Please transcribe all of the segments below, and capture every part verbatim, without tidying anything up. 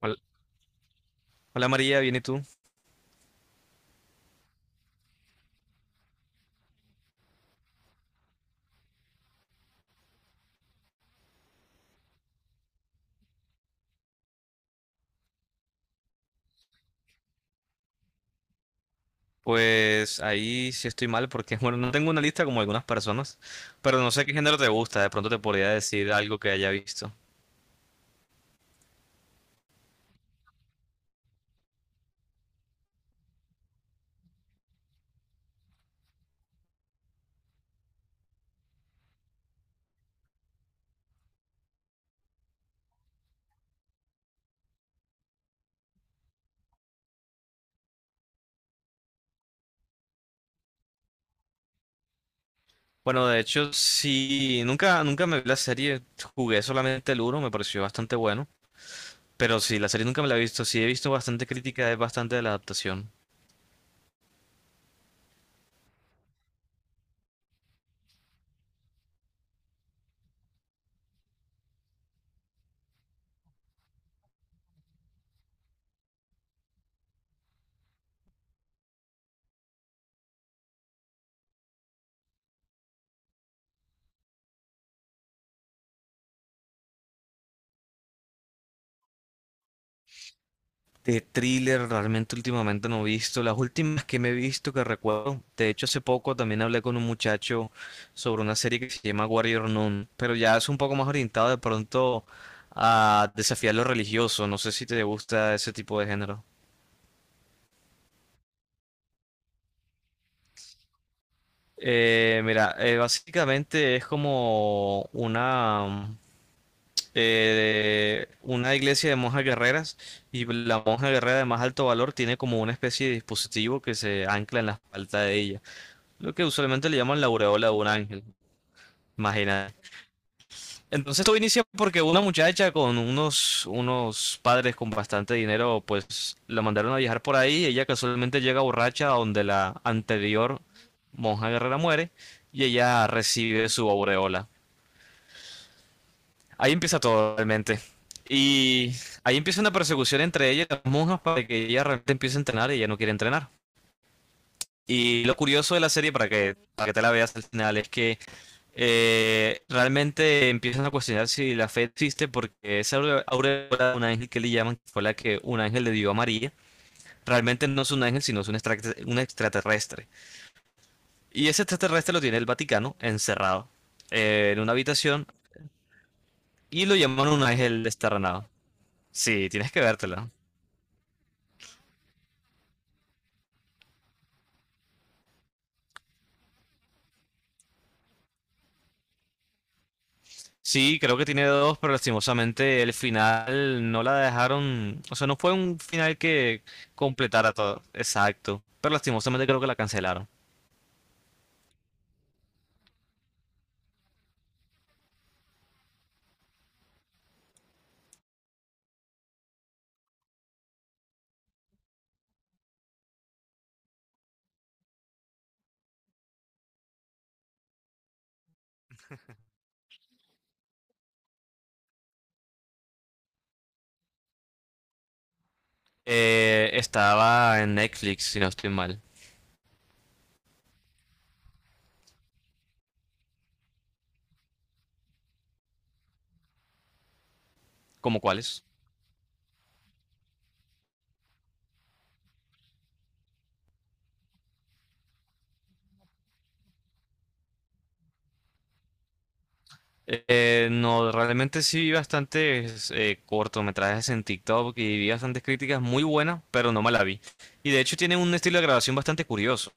Hola, hola, María, ¿bien y tú? Pues ahí sí estoy mal porque, bueno, no tengo una lista como algunas personas, pero no sé qué género te gusta, de pronto te podría decir algo que haya visto. Bueno, de hecho, sí, nunca, nunca me vi la serie, jugué solamente el uno, me pareció bastante bueno, pero sí, la serie nunca me la he visto, sí he visto bastante crítica, es bastante de la adaptación. De thriller, realmente últimamente no he visto. Las últimas que me he visto que recuerdo, de hecho hace poco también hablé con un muchacho sobre una serie que se llama Warrior Nun, pero ya es un poco más orientado de pronto a desafiar lo religioso. No sé si te gusta ese tipo de género. Eh, mira, eh, básicamente es como una, eh, una iglesia de monjas guerreras y la monja guerrera de más alto valor tiene como una especie de dispositivo que se ancla en la espalda de ella. Lo que usualmente le llaman la aureola de un ángel, imagínate. Entonces todo inicia porque una muchacha con unos, unos padres con bastante dinero, pues la mandaron a viajar por ahí. Ella casualmente llega borracha a donde la anterior monja guerrera muere y ella recibe su aureola. Ahí empieza todo realmente. Y ahí empieza una persecución entre ella y las monjas para que ella realmente empiece a entrenar y ella no quiere entrenar. Y lo curioso de la serie, para que, para que te la veas al final, es que eh, realmente empiezan a cuestionar si la fe existe porque esa aure- aureola de un ángel que le llaman, que fue la que un ángel le dio a María, realmente no es un ángel, sino es un, extra- un extraterrestre. Y ese extraterrestre lo tiene el Vaticano encerrado, eh, en una habitación y lo llaman un ángel desterranado. Sí, tienes que vértela. Sí, creo que tiene dos, pero lastimosamente el final no la dejaron, o sea, no fue un final que completara todo. Exacto. Pero lastimosamente creo que la cancelaron. Eh, estaba en Netflix, si no estoy mal. ¿Cómo cuáles? Eh, no, realmente sí vi bastantes eh, cortometrajes en TikTok y vi bastantes críticas muy buenas, pero no me la vi. Y de hecho tiene un estilo de grabación bastante curioso.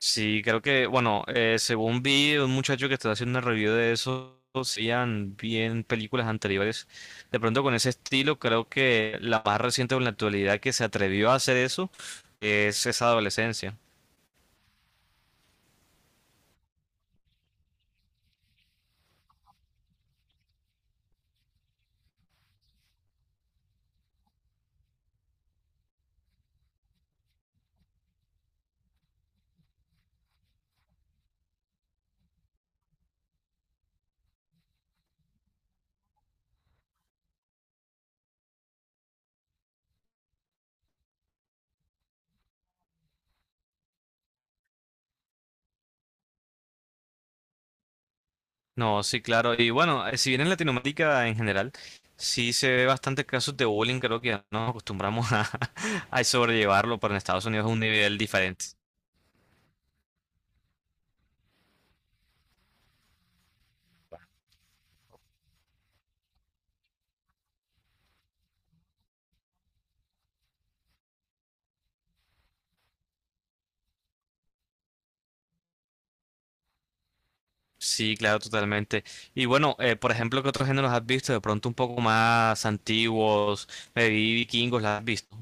Sí, creo que, bueno, eh, según vi un muchacho que estaba haciendo una review de eso, hacían bien películas anteriores. De pronto con ese estilo, creo que la más reciente o en la actualidad que se atrevió a hacer eso es esa adolescencia. No, sí, claro. Y bueno, eh, si bien en Latinoamérica en general, sí se ve bastante casos de bullying, creo que ya nos acostumbramos a, a sobrellevarlo, pero en Estados Unidos es un nivel diferente. Sí, claro, totalmente. Y bueno, eh, por ejemplo, ¿qué otros géneros has visto? De pronto un poco más antiguos, me vi vikingos, ¿las has visto?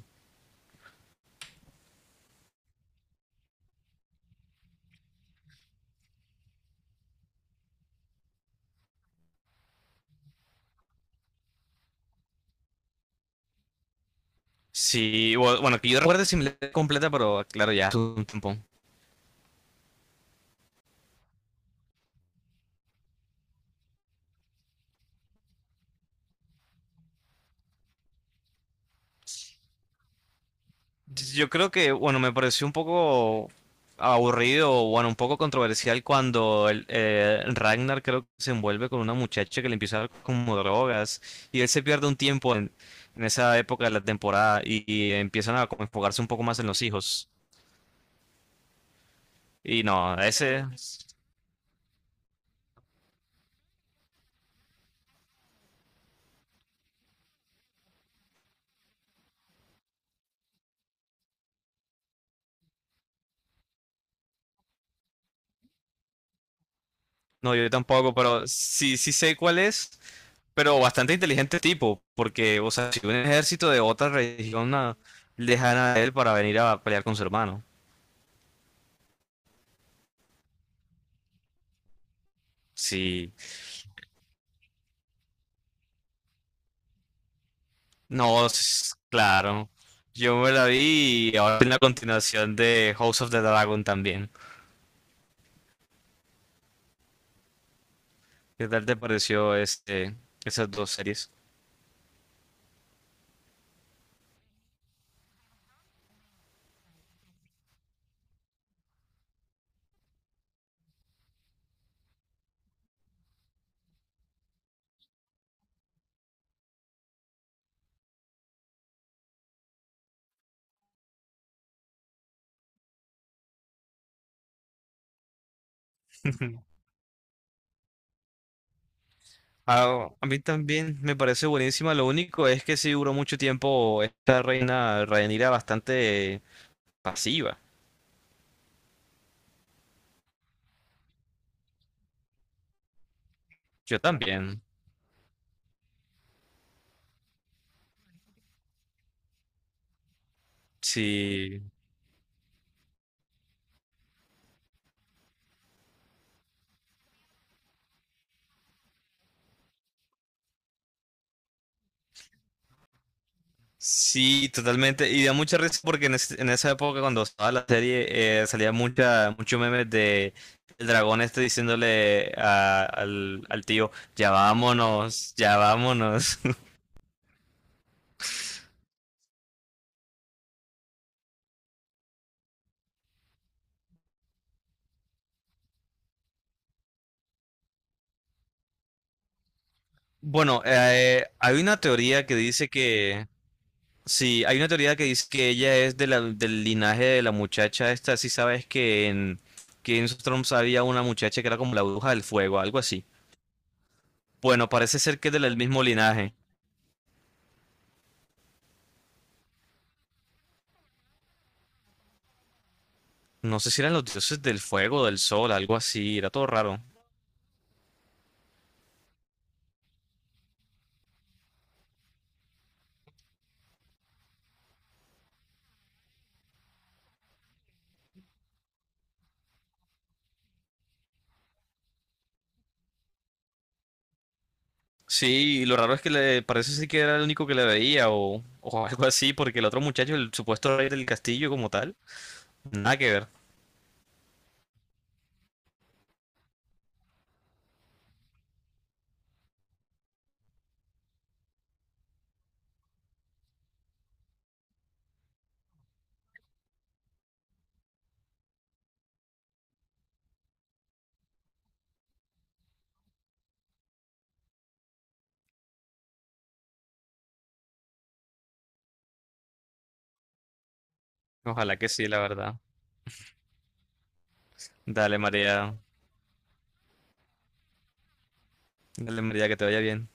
Sí, bu- bueno, que yo recuerde sin completa, pero claro, ya hace un tiempo. Yo creo que, bueno, me pareció un poco aburrido, o, bueno, un poco controversial cuando el, eh, Ragnar creo que se envuelve con una muchacha que le empieza a dar como drogas y él se pierde un tiempo en, en esa época de la temporada y, y empiezan a como enfocarse un poco más en los hijos. Y no, ese, no, yo tampoco, pero sí, sí sé cuál es, pero bastante inteligente tipo, porque, o sea, si un ejército de otra región ah, lejana a él para venir a pelear con su hermano, sí. No, s- claro. Yo me la vi y ahora en la continuación de House of the Dragon también. ¿Qué tal te pareció este, esas dos series? Ah, a mí también me parece buenísima. Lo único es que sí duró mucho tiempo esta reina Rhaenyra bastante pasiva. Yo también. Sí, sí, totalmente. Y da mucha risa porque en, es- en esa época cuando estaba la serie eh, salía mucha, mucho memes de el dragón este diciéndole a- al, al tío, ya vámonos, ya vámonos. Bueno, eh, hay una teoría que dice que, sí, hay una teoría que dice que ella es de la- del linaje de la muchacha esta, si sabes que en Game of Thrones había una muchacha que era como la bruja del fuego, algo así. Bueno, parece ser que es del mismo linaje. No sé si eran los dioses del fuego, del sol, algo así, era todo raro. Sí, y lo raro es que le parece sí que era el único que le veía o, o algo así, porque el otro muchacho, el supuesto rey del castillo como tal, nada que ver. Ojalá que sí, la verdad. Dale, María, dale, María, que te vaya bien.